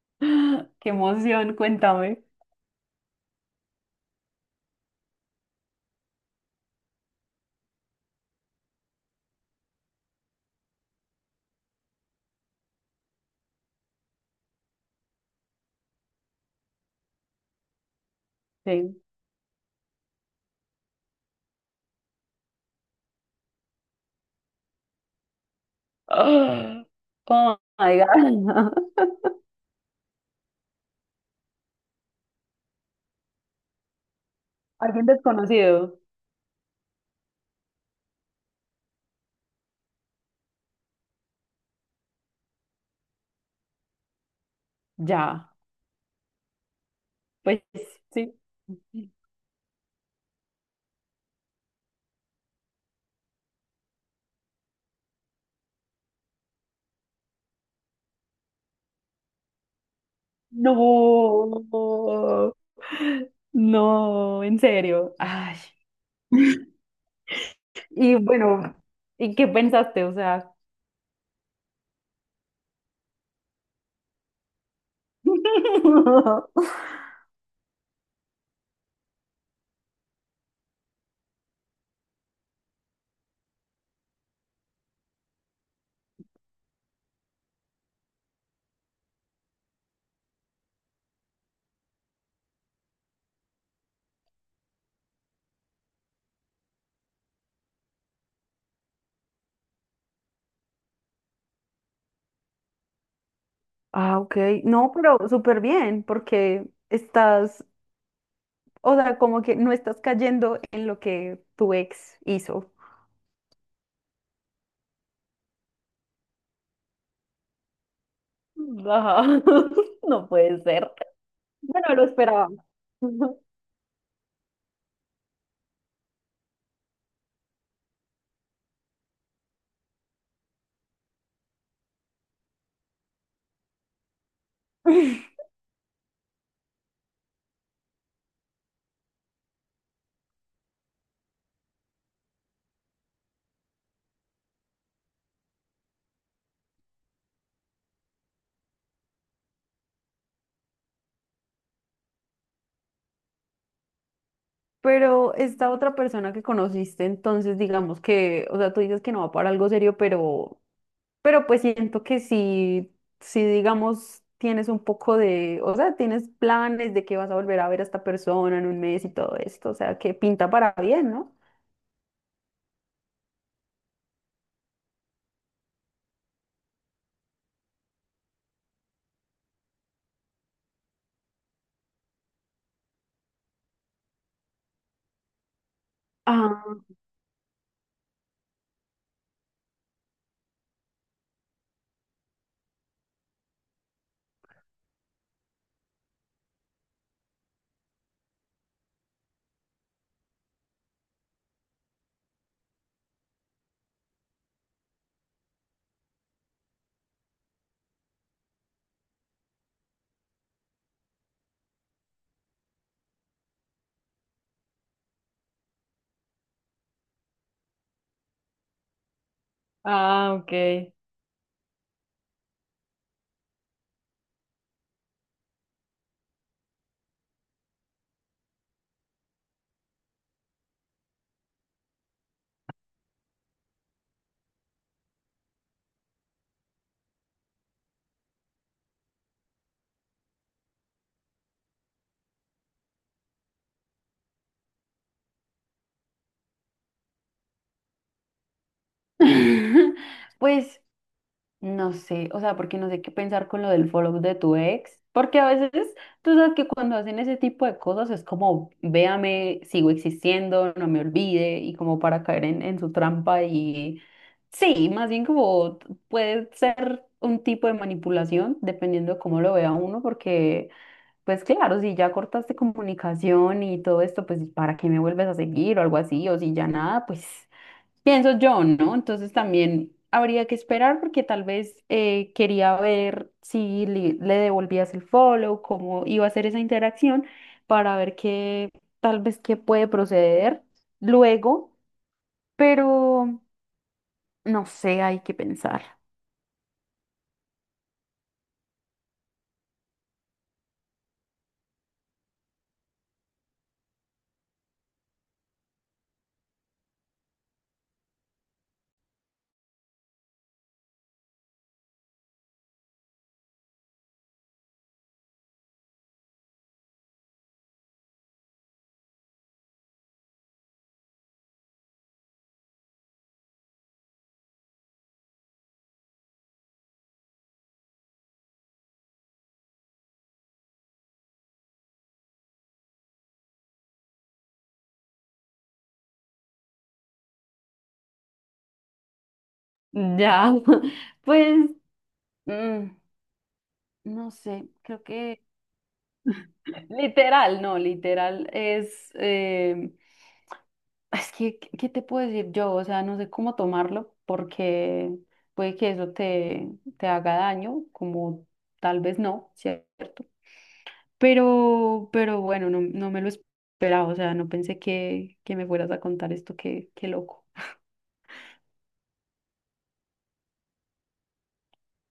Qué emoción, cuéntame. Sí. Ah, oh, my God. Alguien desconocido. Ya, pues sí. No, no, en serio. Ay. Y bueno, ¿y qué pensaste? O sea. Ah, ok. No, pero súper bien, porque estás, o sea, como que no estás cayendo en lo que tu ex hizo. Ajá. No puede ser. Bueno, lo esperaba. Pero esta otra persona que conociste, entonces digamos que, o sea, tú dices que no va para algo serio, pero pues siento que sí, sí, digamos, tienes un poco de, o sea, tienes planes de que vas a volver a ver a esta persona en un mes y todo esto, o sea, que pinta para bien, ¿no? Ah, Ah, ok. Pues, no sé, o sea, porque no sé qué pensar con lo del follow de tu ex, porque a veces tú sabes que cuando hacen ese tipo de cosas es como, véame, sigo existiendo, no me olvide, y como para caer en su trampa y sí, más bien como puede ser un tipo de manipulación dependiendo de cómo lo vea uno, porque pues claro, si ya cortaste comunicación y todo esto, pues ¿para qué me vuelves a seguir o algo así? O si ya nada, pues pienso yo, ¿no? Entonces también habría que esperar porque tal vez quería ver si le, devolvías el follow, cómo iba a ser esa interacción para ver qué tal vez qué puede proceder luego, pero no sé, hay que pensar. Ya, pues mm, no sé, creo que literal, no, literal es que, ¿qué te puedo decir yo? O sea, no sé cómo tomarlo porque puede que eso te haga daño, como tal vez no, ¿cierto? Pero, bueno, no, no me lo esperaba, o sea, no pensé que me fueras a contar esto, qué loco.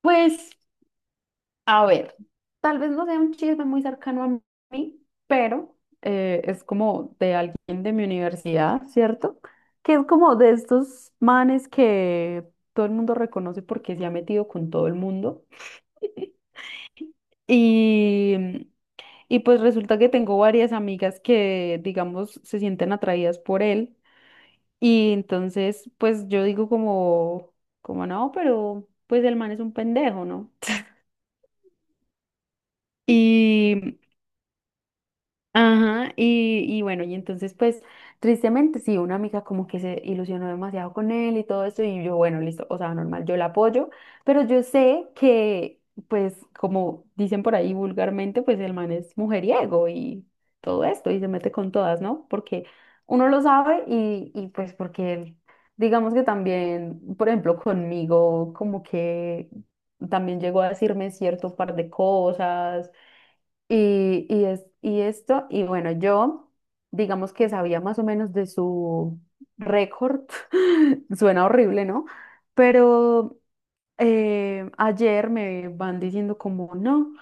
Pues, a ver, tal vez no sea un chisme muy cercano a mí, pero es como de alguien de mi universidad, ¿cierto? Que es como de estos manes que todo el mundo reconoce porque se ha metido con todo el mundo. Y, y pues resulta que tengo varias amigas que, digamos, se sienten atraídas por él. Y entonces, pues yo digo como, como no, pero pues el man es un pendejo, ¿no? Y ajá, y bueno, y entonces pues tristemente sí, una amiga como que se ilusionó demasiado con él y todo eso, y yo, bueno, listo, o sea, normal, yo la apoyo, pero yo sé que pues como dicen por ahí vulgarmente, pues el man es mujeriego y todo esto, y se mete con todas, ¿no? Porque uno lo sabe y pues porque él, digamos que también, por ejemplo, conmigo como que también llegó a decirme cierto par de cosas y y esto, y bueno, yo digamos que sabía más o menos de su récord, suena horrible, ¿no? Pero ayer me van diciendo como, no,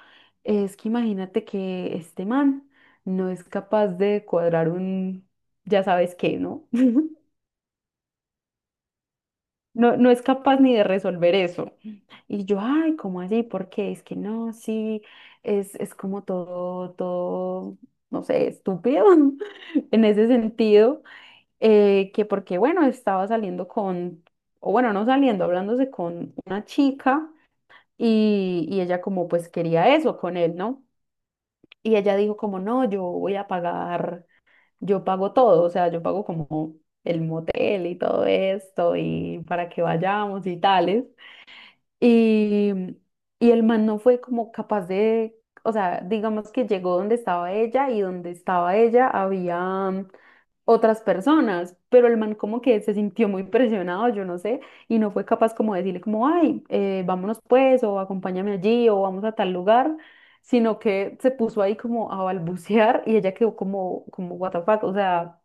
es que imagínate que este man no es capaz de cuadrar un, ya sabes qué, ¿no? No, no es capaz ni de resolver eso. Y yo, ay, ¿cómo así? ¿Por qué? Es que no, sí, es como todo, todo, no sé, estúpido en ese sentido, que porque, bueno, estaba saliendo con, o bueno, no saliendo, hablándose con una chica y ella como pues quería eso con él, ¿no? Y ella dijo como, no, yo voy a pagar, yo pago todo, o sea, yo pago como el motel y todo esto y para que vayamos y tales. Y, y el man no fue como capaz de, o sea, digamos que llegó donde estaba ella y donde estaba ella había otras personas, pero el man como que se sintió muy presionado, yo no sé, y no fue capaz como de decirle como, ay, vámonos pues, o acompáñame allí, o vamos a tal lugar, sino que se puso ahí como a balbucear y ella quedó como, what the fuck, o sea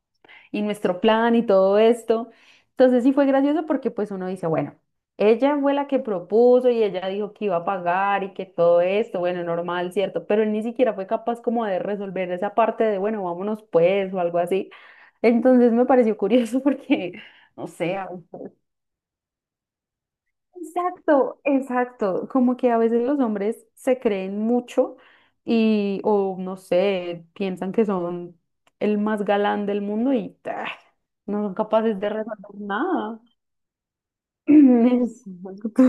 y nuestro plan y todo esto. Entonces sí fue gracioso porque pues uno dice, bueno, ella fue la que propuso y ella dijo que iba a pagar y que todo esto, bueno, normal, ¿cierto? Pero él ni siquiera fue capaz como de resolver esa parte de, bueno, vámonos pues o algo así. Entonces me pareció curioso porque, no sé. Exacto, exacto. Como que a veces los hombres se creen mucho y, o no sé, piensan que son el más galán del mundo y ah, no son capaces de resolver nada. Exacto.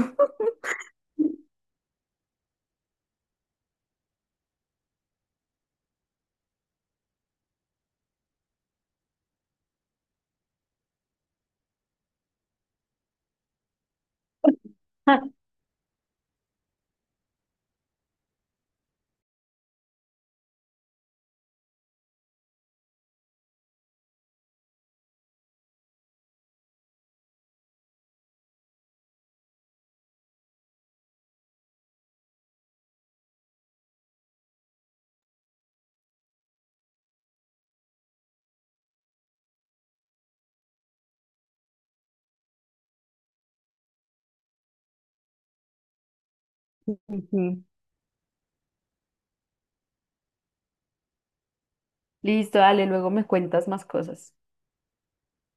Ujú. Listo, dale, luego me cuentas más cosas.